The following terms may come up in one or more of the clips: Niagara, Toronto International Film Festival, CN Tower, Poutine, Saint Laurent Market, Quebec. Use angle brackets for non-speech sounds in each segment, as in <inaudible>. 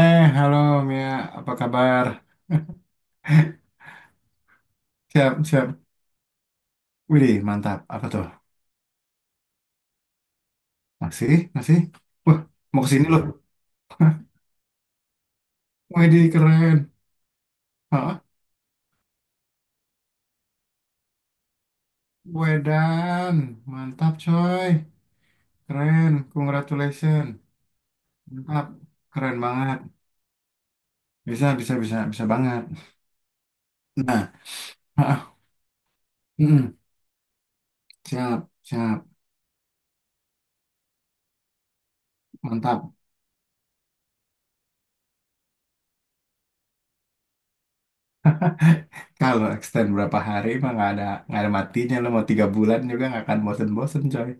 Eh, halo Mia, apa kabar? <laughs> Siap, siap. Widih, mantap. Apa tuh? Masih, masih. Wah, mau kesini loh. Widih, keren. Hah? Wedan, mantap coy. Keren, congratulations. Mantap, keren banget. Bisa, bisa, bisa, bisa banget. Nah, ah, mm, siap, siap, mantap. <laughs> Kalau extend berapa hari mah nggak ada matinya, lo mau 3 bulan juga nggak akan bosen-bosen coy.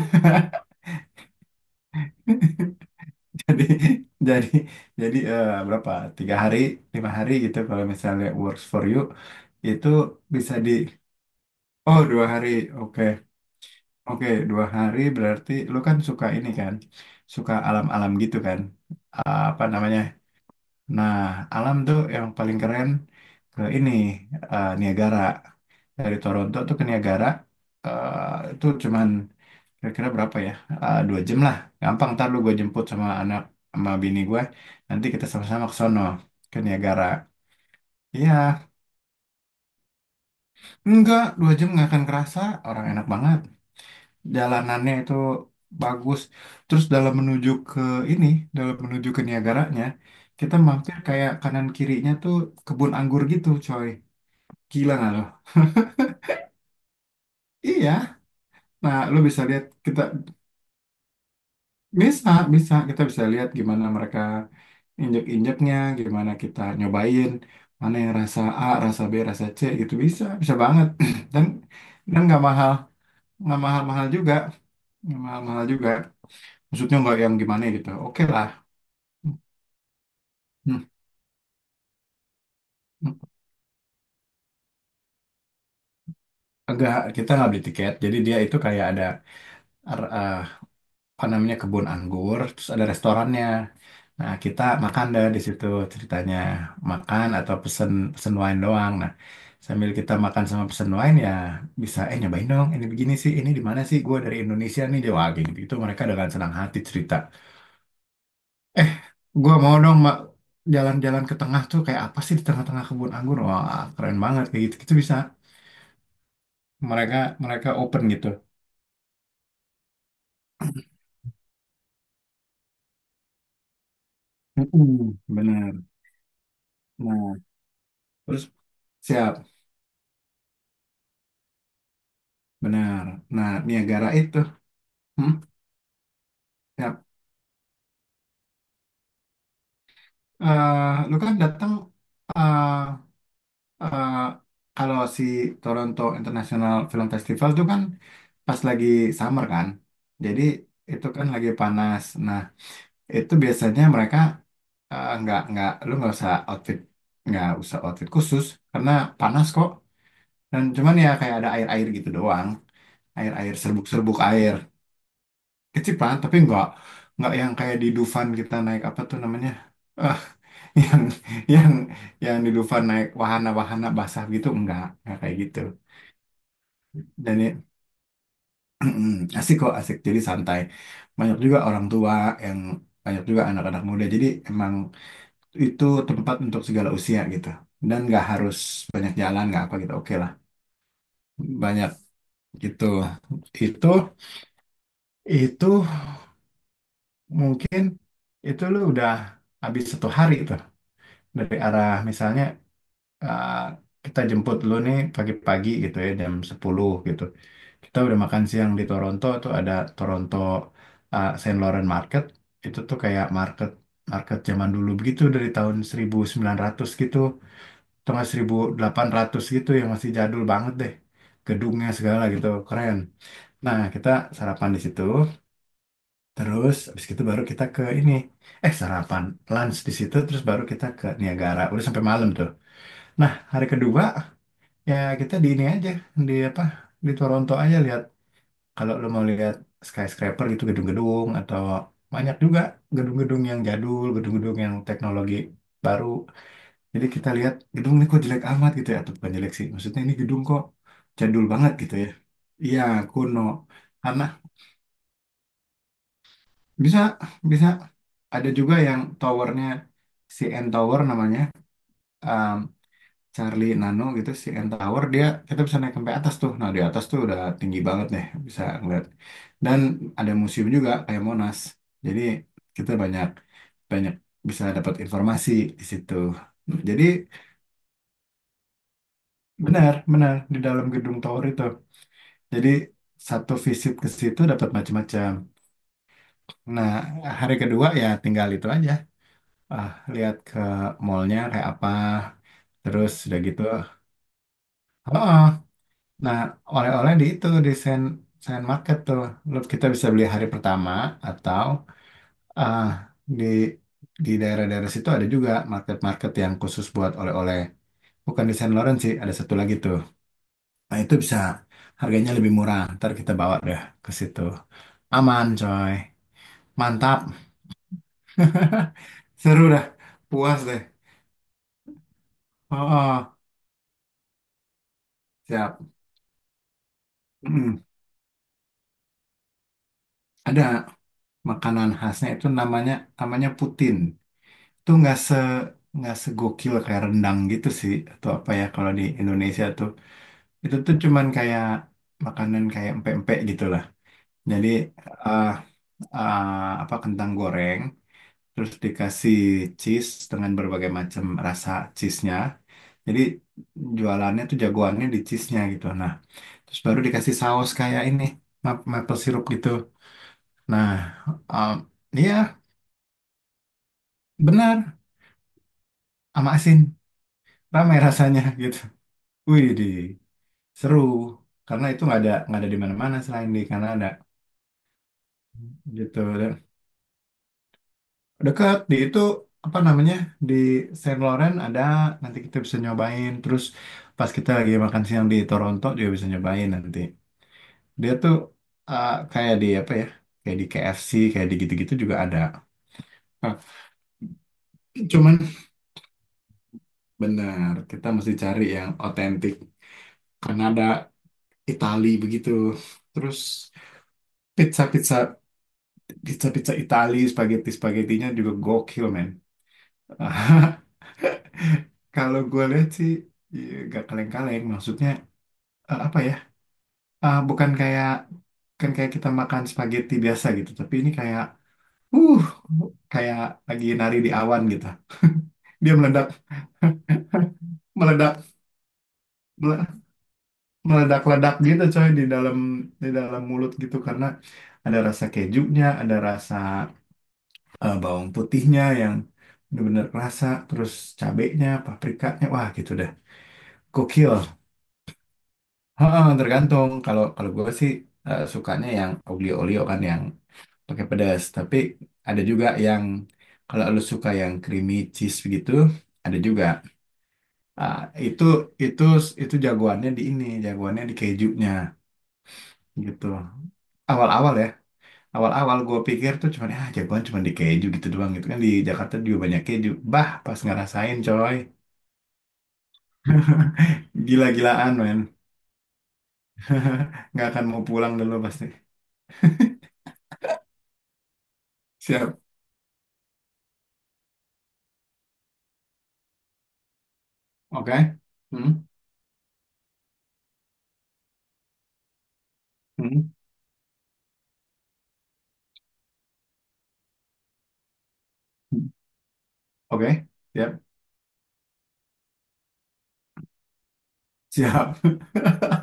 <laughs> jadi jadi jadi, berapa, 3 hari, 5 hari gitu kalau misalnya works for you itu bisa di oh, 2 hari, oke, oke 2 hari berarti lu kan suka ini kan, suka alam-alam gitu kan. Ah, apa namanya, nah, alam tuh yang paling keren, ke Niagara. Dari Toronto tuh ke Niagara itu cuman, kira-kira berapa ya? Ah, 2 jam lah. Gampang, ntar lu gue jemput sama anak sama bini gue. Nanti kita sama-sama ke sono. Ke Niagara. Iya. Enggak, 2 jam nggak akan kerasa. Orang enak banget. Jalanannya itu bagus. Terus ini, dalam menuju ke Niagaranya, kita mampir kayak kanan kirinya tuh kebun anggur gitu, coy. Gila nggak lo? Iya. Nah, lu bisa lihat kita bisa, bisa kita bisa lihat gimana mereka injek-injeknya, gimana kita nyobain mana yang rasa A, rasa B, rasa C gitu. Bisa, bisa banget. <clears throat> Dan nggak mahal, nggak mahal-mahal juga nggak mahal-mahal juga, maksudnya nggak yang gimana gitu, oke lah. Hmm. Enggak, kita nggak beli tiket. Jadi dia itu kayak ada er, eh, apa namanya, kebun anggur, terus ada restorannya. Nah, kita makan deh di situ ceritanya. Makan atau pesen pesen wine doang. Nah, sambil kita makan sama pesen wine ya bisa nyobain dong, ini begini sih, ini di mana sih? Gue dari Indonesia nih, dia wah gitu. Itu mereka dengan senang hati cerita. Eh, gue mau dong Mak jalan-jalan ke tengah tuh, kayak apa sih di tengah-tengah kebun anggur? Wah, keren banget kayak gitu. Itu bisa mereka mereka open gitu. Mm-mm, bener. Nah, terus siap. Benar. Nah, Niagara itu. Hmm? Siap. Eh, lu kan datang, eh eh, kalau si Toronto International Film Festival tuh kan pas lagi summer kan. Jadi itu kan lagi panas. Nah, itu biasanya mereka eh, nggak lu nggak usah outfit khusus karena panas kok. Dan cuman ya kayak ada air-air gitu doang. Air-air, serbuk-serbuk air. Kecil Pak, tapi nggak yang kayak di Dufan kita naik apa tuh namanya, eh <laughs> yang yang yang di Dufan naik wahana-wahana basah gitu, enggak kayak gitu. Dan ya, <clears throat> asik kok, asik, jadi santai. Banyak juga orang tua yang, banyak juga anak-anak muda, jadi emang itu tempat untuk segala usia gitu, dan nggak harus banyak jalan nggak apa gitu, oke lah, banyak gitu. Itu itu mungkin lu udah habis 1 hari itu dari arah misalnya, uh, kita jemput lu nih pagi-pagi gitu ya jam 10 gitu. Kita udah makan siang di Toronto tuh ada Toronto, Saint Laurent Market. Itu tuh kayak market market zaman dulu begitu dari tahun 1900 gitu, atau nggak 1800 gitu, yang masih jadul banget deh. Gedungnya segala gitu keren. Nah, kita sarapan di situ, terus habis itu baru kita ke ini. Eh, sarapan, lunch di situ terus baru kita ke Niagara. Udah sampai malam tuh. Nah, hari kedua ya kita di ini aja, di apa, di Toronto aja lihat kalau lo mau lihat skyscraper gitu, gedung-gedung atau banyak juga gedung-gedung yang jadul, gedung-gedung yang teknologi baru. Jadi kita lihat gedung ini kok jelek amat gitu ya, atau bukan jelek sih, maksudnya ini gedung kok jadul banget gitu ya. Iya, kuno. Karena bisa bisa ada juga yang towernya, CN Tower namanya. um, Charlie Nano gitu si N Tower, dia kita bisa naik sampai atas tuh. Nah di atas tuh udah tinggi banget deh, bisa ngeliat. Dan ada museum juga kayak Monas. Jadi kita banyak banyak bisa dapat informasi di situ. Nah, jadi benar benar di dalam gedung tower itu. Jadi satu visit ke situ dapat macam-macam. Nah hari kedua ya tinggal itu aja. Ah, lihat ke mallnya kayak apa. Terus udah gitu. Oh, nah, oleh-oleh di itu di Sen Sen Market tuh. Lu- kita bisa beli hari pertama atau ah, di di daerah-daerah situ ada juga market-market yang khusus buat oleh-oleh. Bukan di Saint Lawrence sih, ada satu lagi tuh. Nah, itu bisa harganya lebih murah. Ntar kita bawa deh ke situ. Aman, coy. Mantap. <laughs> Seru dah. Puas deh. Oh, oh. Siap. <clears throat> Mm. Ada makanan khasnya itu namanya, Putin. Tuh nggak segokil kayak rendang gitu sih, atau apa ya kalau di Indonesia tuh, itu tuh cuman kayak makanan kayak empek-empek gitu lah. Jadi eh apa, kentang goreng terus dikasih cheese dengan berbagai macam rasa cheese-nya. Jadi jualannya tuh jagoannya di cheese-nya gitu. Nah, terus baru dikasih saus kayak ini maple syrup gitu. Nah, em, iya benar, sama asin, ramai rasanya gitu. Wih, seru karena itu nggak ada di mana-mana selain di Kanada gitu. Dan dekat di itu, apa namanya, di Saint Laurent ada, nanti kita bisa nyobain. Terus pas kita lagi makan siang di Toronto juga bisa nyobain nanti. Dia tuh kayak di apa ya, kayak di KFC kayak di gitu-gitu juga ada. Nah, cuman benar kita mesti cari yang otentik Kanada, Itali begitu. Terus pizza pizza pizza pizza Itali, spaghetti, spagettinya juga gokil men. Ah, kalau gue lihat sih ya, gak kaleng-kaleng, maksudnya eh, apa ya ah, bukan kayak, kan kayak kita makan spaghetti biasa gitu, tapi ini kayak uh kayak lagi nari di awan gitu. Dia meledak, meledak meledak ledak gitu coy di dalam, di dalam mulut gitu, karena ada rasa kejunya, ada rasa bawang putihnya yang bener-bener kerasa, terus cabenya, paprikanya, wah gitu dah, gokil. Heeh, tergantung. Kalau Kalau gue sih sukanya yang oglio-olio kan yang pakai pedas. Tapi ada juga yang kalau lu suka yang creamy cheese begitu ada juga. Ah, itu itu itu jagoannya di ini, jagoannya di kejunya gitu. Awal-awal ya, awal-awal gue pikir tuh cuman ah jagoan cuman di keju gitu doang gitu, kan di Jakarta juga banyak keju. Bah, pas ngerasain coy, <laughs> gila-gilaan men. <laughs> Nggak akan mau pulang dulu pasti. Siap, oke? Hmm? Hmm, hmm. Oke, ya, siap. <laughs>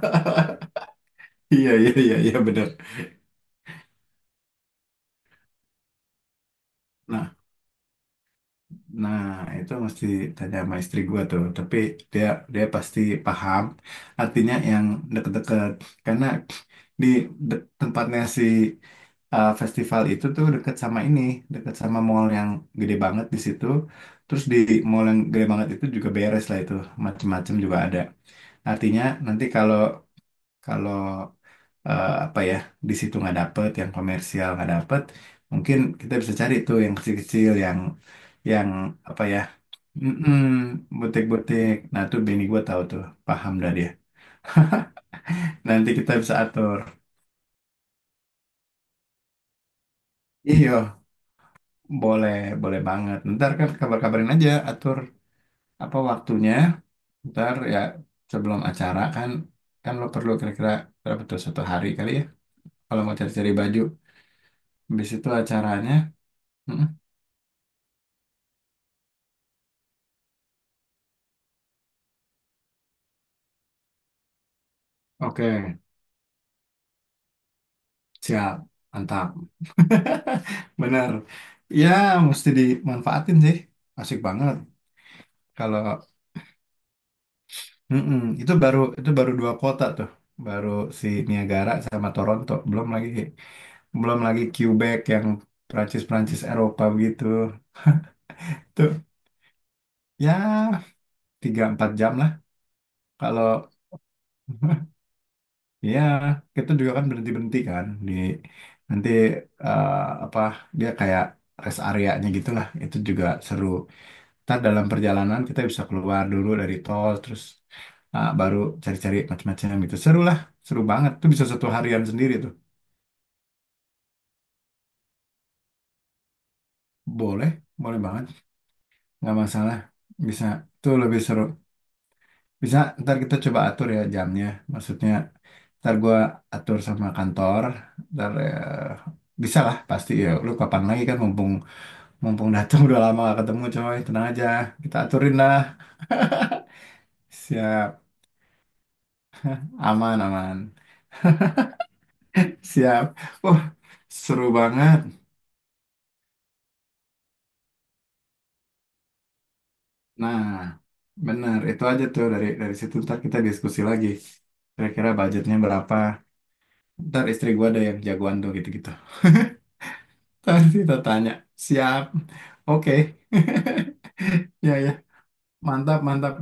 Iya, iya, iya, iya, bener. Nah, nah itu mesti tanya sama istri gua tuh. Tapi dia dia pasti paham artinya yang deket-deket. Karena di tempatnya si festival itu tuh deket sama ini, deket sama mall yang gede banget di situ. Terus di mall yang gede banget itu juga beres lah itu, macem-macem juga ada. Artinya nanti kalau kalau eh, apa ya di situ nggak dapet yang komersial nggak dapet, mungkin kita bisa cari tuh yang kecil-kecil yang yang apa ya mm-mm, butik-butik. Nah tuh Benny gue tahu tuh, paham dah dia, nanti kita bisa atur. Iyo, boleh, boleh banget. Ntar kan kabar-kabarin aja, atur apa waktunya ntar ya, sebelum acara kan. Kan lo perlu kira-kira berapa tuh, 1 hari kali ya, kalau mau cari-cari baju, habis itu acaranya. Mm-mm. Oke, siap, mantap. <laughs> Bener. Ya, mesti dimanfaatin sih. Asik banget. Kalau mm-mm, itu baru dua kota tuh. Baru si Niagara sama Toronto. Belum lagi Quebec yang Prancis-Prancis Eropa begitu. Tuh, ya tiga empat jam lah. Kalau <laughs> ya kita juga kan berhenti-berhenti kan di nanti, eh, apa dia kayak rest areanya gitu lah. Itu juga seru. Ntar dalam perjalanan kita bisa keluar dulu dari tol, terus ah, baru cari-cari macam-macam gitu. Seru lah, seru banget. Tuh bisa satu harian sendiri tuh. Boleh, boleh banget. Nggak masalah. Bisa, tuh lebih seru. Bisa, ntar kita coba atur ya jamnya. Maksudnya, ntar gua atur sama kantor. Ntar eh, bisa lah, pasti ya. Lu kapan lagi kan, mumpung mumpung datang. <laughs> Udah lama gak ketemu coy. Tenang aja, kita aturin lah. Siap, aman, aman. Siap. Wah, seru banget. Nah, benar. Itu aja tuh dari situ ntar kita diskusi lagi. Kira-kira budgetnya berapa? Ntar istri gua ada yang jagoan tuh gitu-gitu. Ntar kita tanya. Siap. Oke. <laughs> Ya ya. Mantap mantap.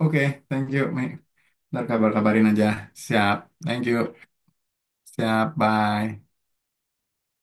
Oke. Thank you, Mi. Ntar kabar-kabarin aja. Siap. Thank you. Siap. Bye.